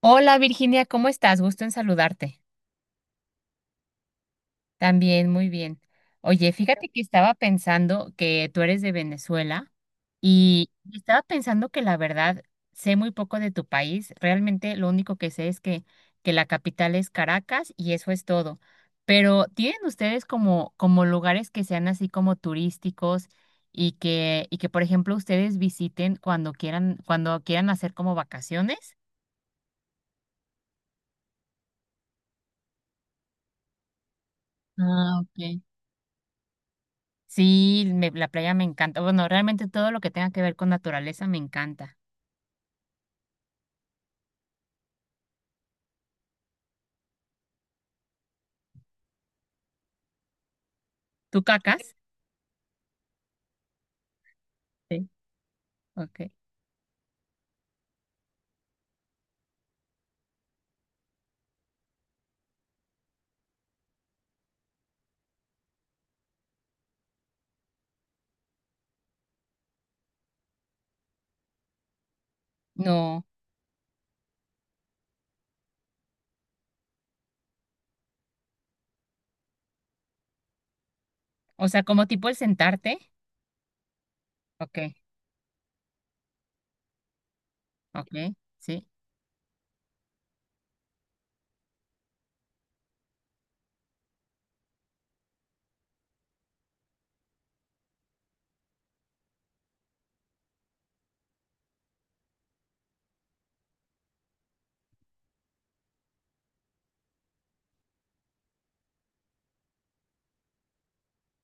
Hola Virginia, ¿cómo estás? Gusto en saludarte. También, muy bien. Oye, fíjate que estaba pensando que tú eres de Venezuela y estaba pensando que la verdad sé muy poco de tu país. Realmente lo único que sé es que la capital es Caracas y eso es todo. Pero ¿tienen ustedes como lugares que sean así como turísticos y que, por ejemplo, ustedes visiten cuando quieran hacer como vacaciones? Ah, ok. Sí, la playa me encanta. Bueno, realmente todo lo que tenga que ver con naturaleza me encanta. ¿Tú cacas? Sí. Ok. No. O sea, como tipo el sentarte. Ok, ok, sí.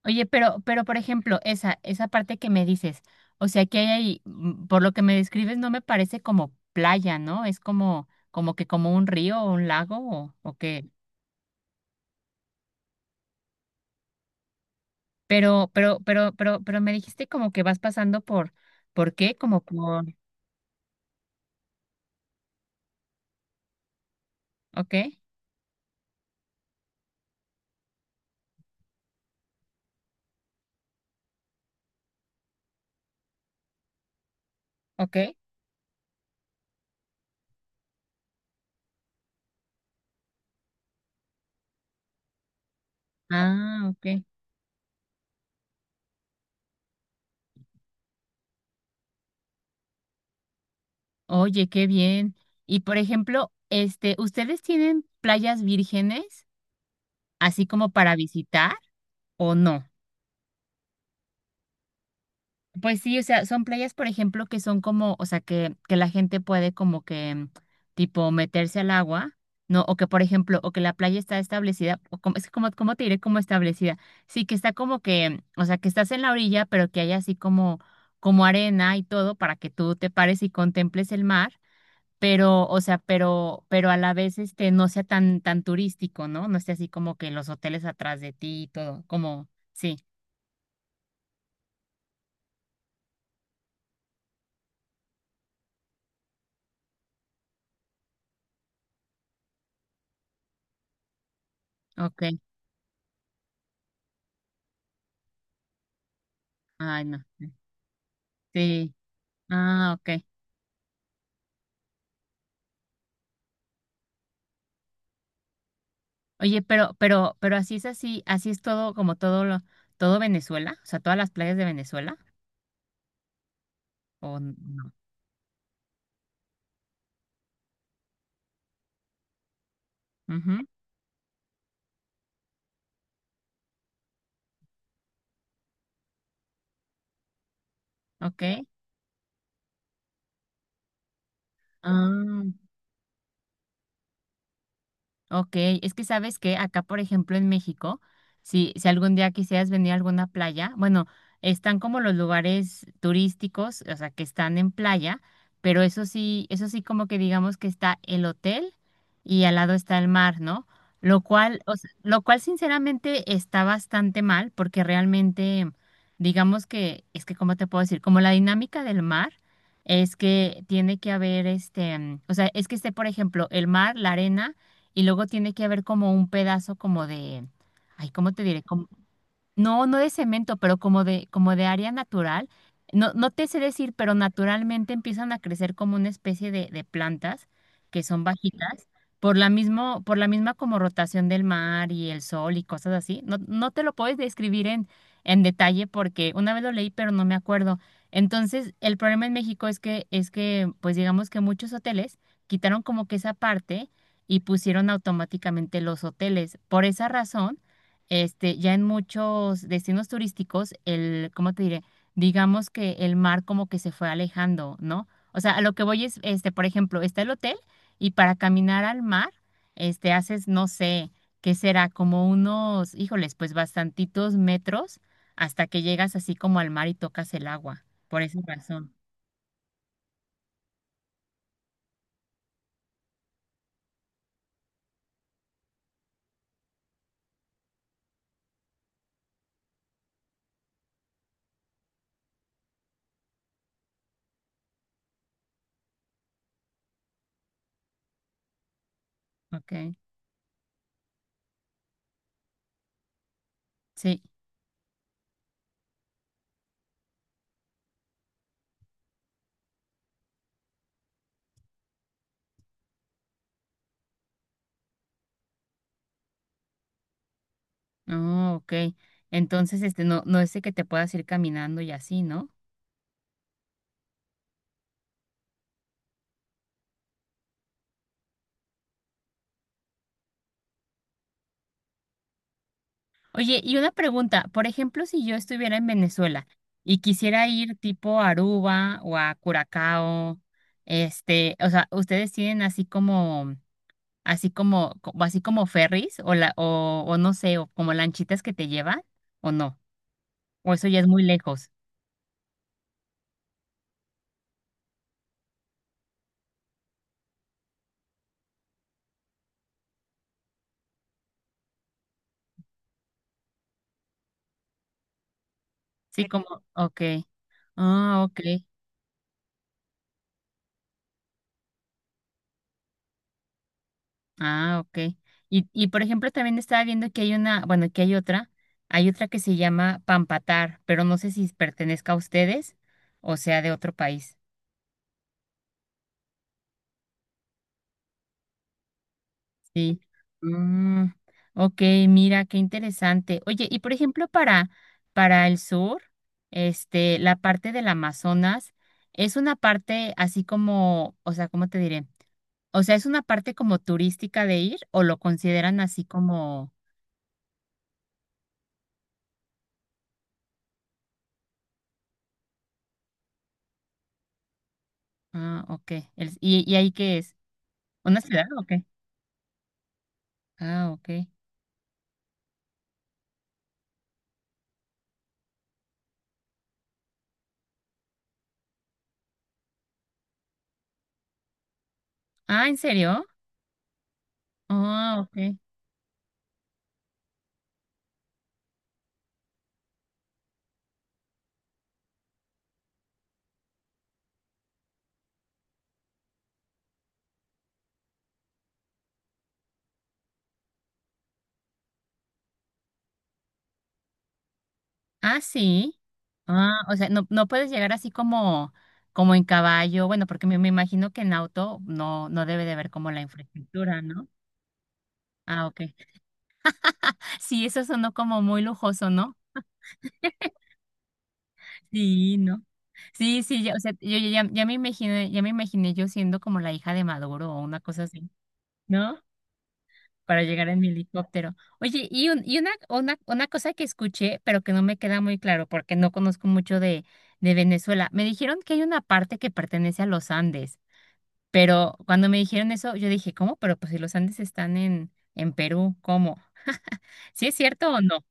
Oye, pero por ejemplo, esa parte que me dices, o sea, que hay ahí, por lo que me describes, no me parece como playa, ¿no? Es como, como que como un río o un lago o qué. Pero me dijiste como que vas pasando ¿por qué? Como por, ok, ok. Ah, ok. Oye, qué bien. Y por ejemplo, este, ¿ustedes tienen playas vírgenes así como para visitar o no? Pues sí, o sea, son playas, por ejemplo, que son como, o sea, que la gente puede como que tipo meterse al agua, ¿no? O que, por ejemplo, o que la playa está establecida, o como, es que como, ¿cómo te diré como establecida? Sí, que está como que, mm, o sea, que estás en la orilla, pero que hay así como, como arena y todo para que tú te pares y contemples el mar pero, o sea, pero a la vez este no sea tan turístico, ¿no? No esté así como que los hoteles atrás de ti y todo, como, sí, ok, ay no, sí, ah, ok. Oye, pero así es así, así es todo, como todo todo Venezuela, o sea, todas las playas de Venezuela, o no, mhm, ok, ah, ok, es que sabes que acá, por ejemplo, en México, si algún día quisieras venir a alguna playa, bueno, están como los lugares turísticos, o sea, que están en playa, pero eso sí como que digamos que está el hotel y al lado está el mar, ¿no? Lo cual, o sea, lo cual sinceramente está bastante mal porque realmente, digamos que, es que, ¿cómo te puedo decir? Como la dinámica del mar es que tiene que haber este, mm, o sea, es que esté, por ejemplo, el mar, la arena y luego tiene que haber como un pedazo como de, ay, ¿cómo te diré? No, no de cemento, pero como de área natural. No, no te sé decir, pero naturalmente empiezan a crecer como una especie de plantas que son bajitas por por la misma como rotación del mar y el sol y cosas así. No, no te lo puedes describir en detalle porque una vez lo leí, pero no me acuerdo. Entonces, el problema en México es que, pues digamos que muchos hoteles quitaron como que esa parte y pusieron automáticamente los hoteles. Por esa razón este, ya en muchos destinos turísticos, el, ¿cómo te diré? Digamos que el mar como que se fue alejando, ¿no? O sea, a lo que voy es, este, por ejemplo, está el hotel y para caminar al mar, este, haces, no sé, ¿qué será? Como unos, híjoles, pues bastantitos metros hasta que llegas así como al mar y tocas el agua. Por esa razón. Ok. Sí. Oh, ok. Entonces, este, no, no es de que te puedas ir caminando y así, ¿no? Oye, y una pregunta, por ejemplo, si yo estuviera en Venezuela y quisiera ir tipo a Aruba o a Curacao, este, o sea, ¿ustedes tienen así como, así como, así como ferries o la, o no sé, o como lanchitas que te llevan o no? O eso ya es muy lejos. Sí, como, ok. Ah, ok. Ah, ok. Y por ejemplo, también estaba viendo que hay una, bueno, que hay otra que se llama Pampatar, pero no sé si pertenezca a ustedes o sea de otro país. Sí. Mm, ok, mira, qué interesante. Oye, y por ejemplo, para el sur, este, la parte del Amazonas es una parte así como, o sea, ¿cómo te diré? O sea, ¿es una parte como turística de ir o lo consideran así como, ah, ok, y ahí qué es? ¿Una ciudad o qué? Ah, ok. Ah, ¿en serio? Ah, ok. Ah, sí. Ah, o sea, no, no puedes llegar así como, como en caballo. Bueno, porque me imagino que en auto no, no debe de haber como la infraestructura, ¿no? Ah, ok. Sí, eso sonó como muy lujoso, ¿no? Sí, ¿no? Sí, sí, ya, o sea, yo ya, ya me imaginé yo siendo como la hija de Maduro o una cosa así, ¿no? Para llegar en mi helicóptero. Oye, y, y una cosa que escuché, pero que no me queda muy claro porque no conozco mucho de Venezuela, me dijeron que hay una parte que pertenece a los Andes, pero cuando me dijeron eso, yo dije, ¿cómo? Pero pues si los Andes están en Perú, ¿cómo? ¿Sí es cierto o no?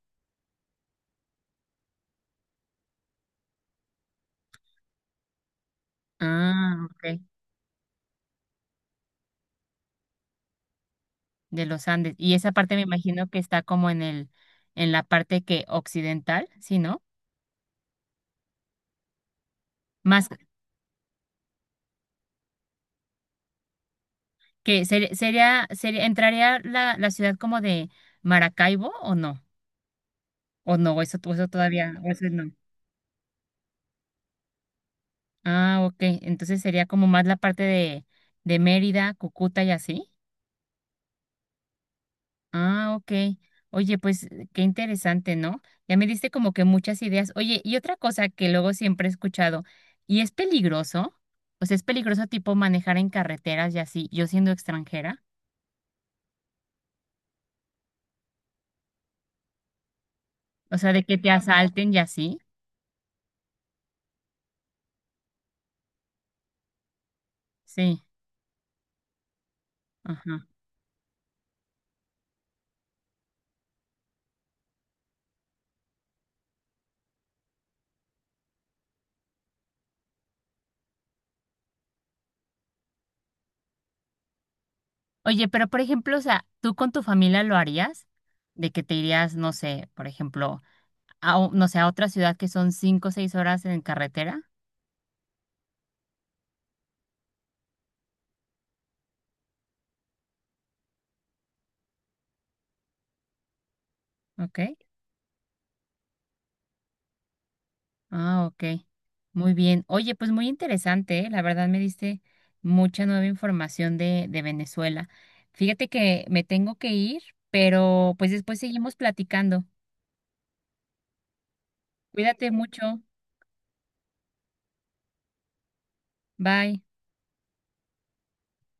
Ah, ok, de los Andes. Y esa parte me imagino que está como en el, en la parte que occidental, ¿sí, no? Más que sería, sería, entraría la, la ciudad como de Maracaibo o no? O no, eso, eso todavía, o eso no. Ah, ok. Entonces sería como más la parte de Mérida, Cúcuta y así. Ah, ok. Oye, pues qué interesante, ¿no? Ya me diste como que muchas ideas. Oye, y otra cosa que luego siempre he escuchado, ¿y es peligroso? O sea, ¿es peligroso tipo manejar en carreteras y así, yo siendo extranjera? O sea, de que te asalten y así. Sí, ajá. Oye, pero por ejemplo, o sea, ¿tú con tu familia lo harías? De que te irías, no sé, por ejemplo a, no sé, a otra ciudad que son 5 o 6 horas en carretera. Ok. Ah, ok. Muy bien. Oye, pues muy interesante, ¿eh? La verdad me diste mucha nueva información de Venezuela. Fíjate que me tengo que ir, pero pues después seguimos platicando. Cuídate mucho. Bye.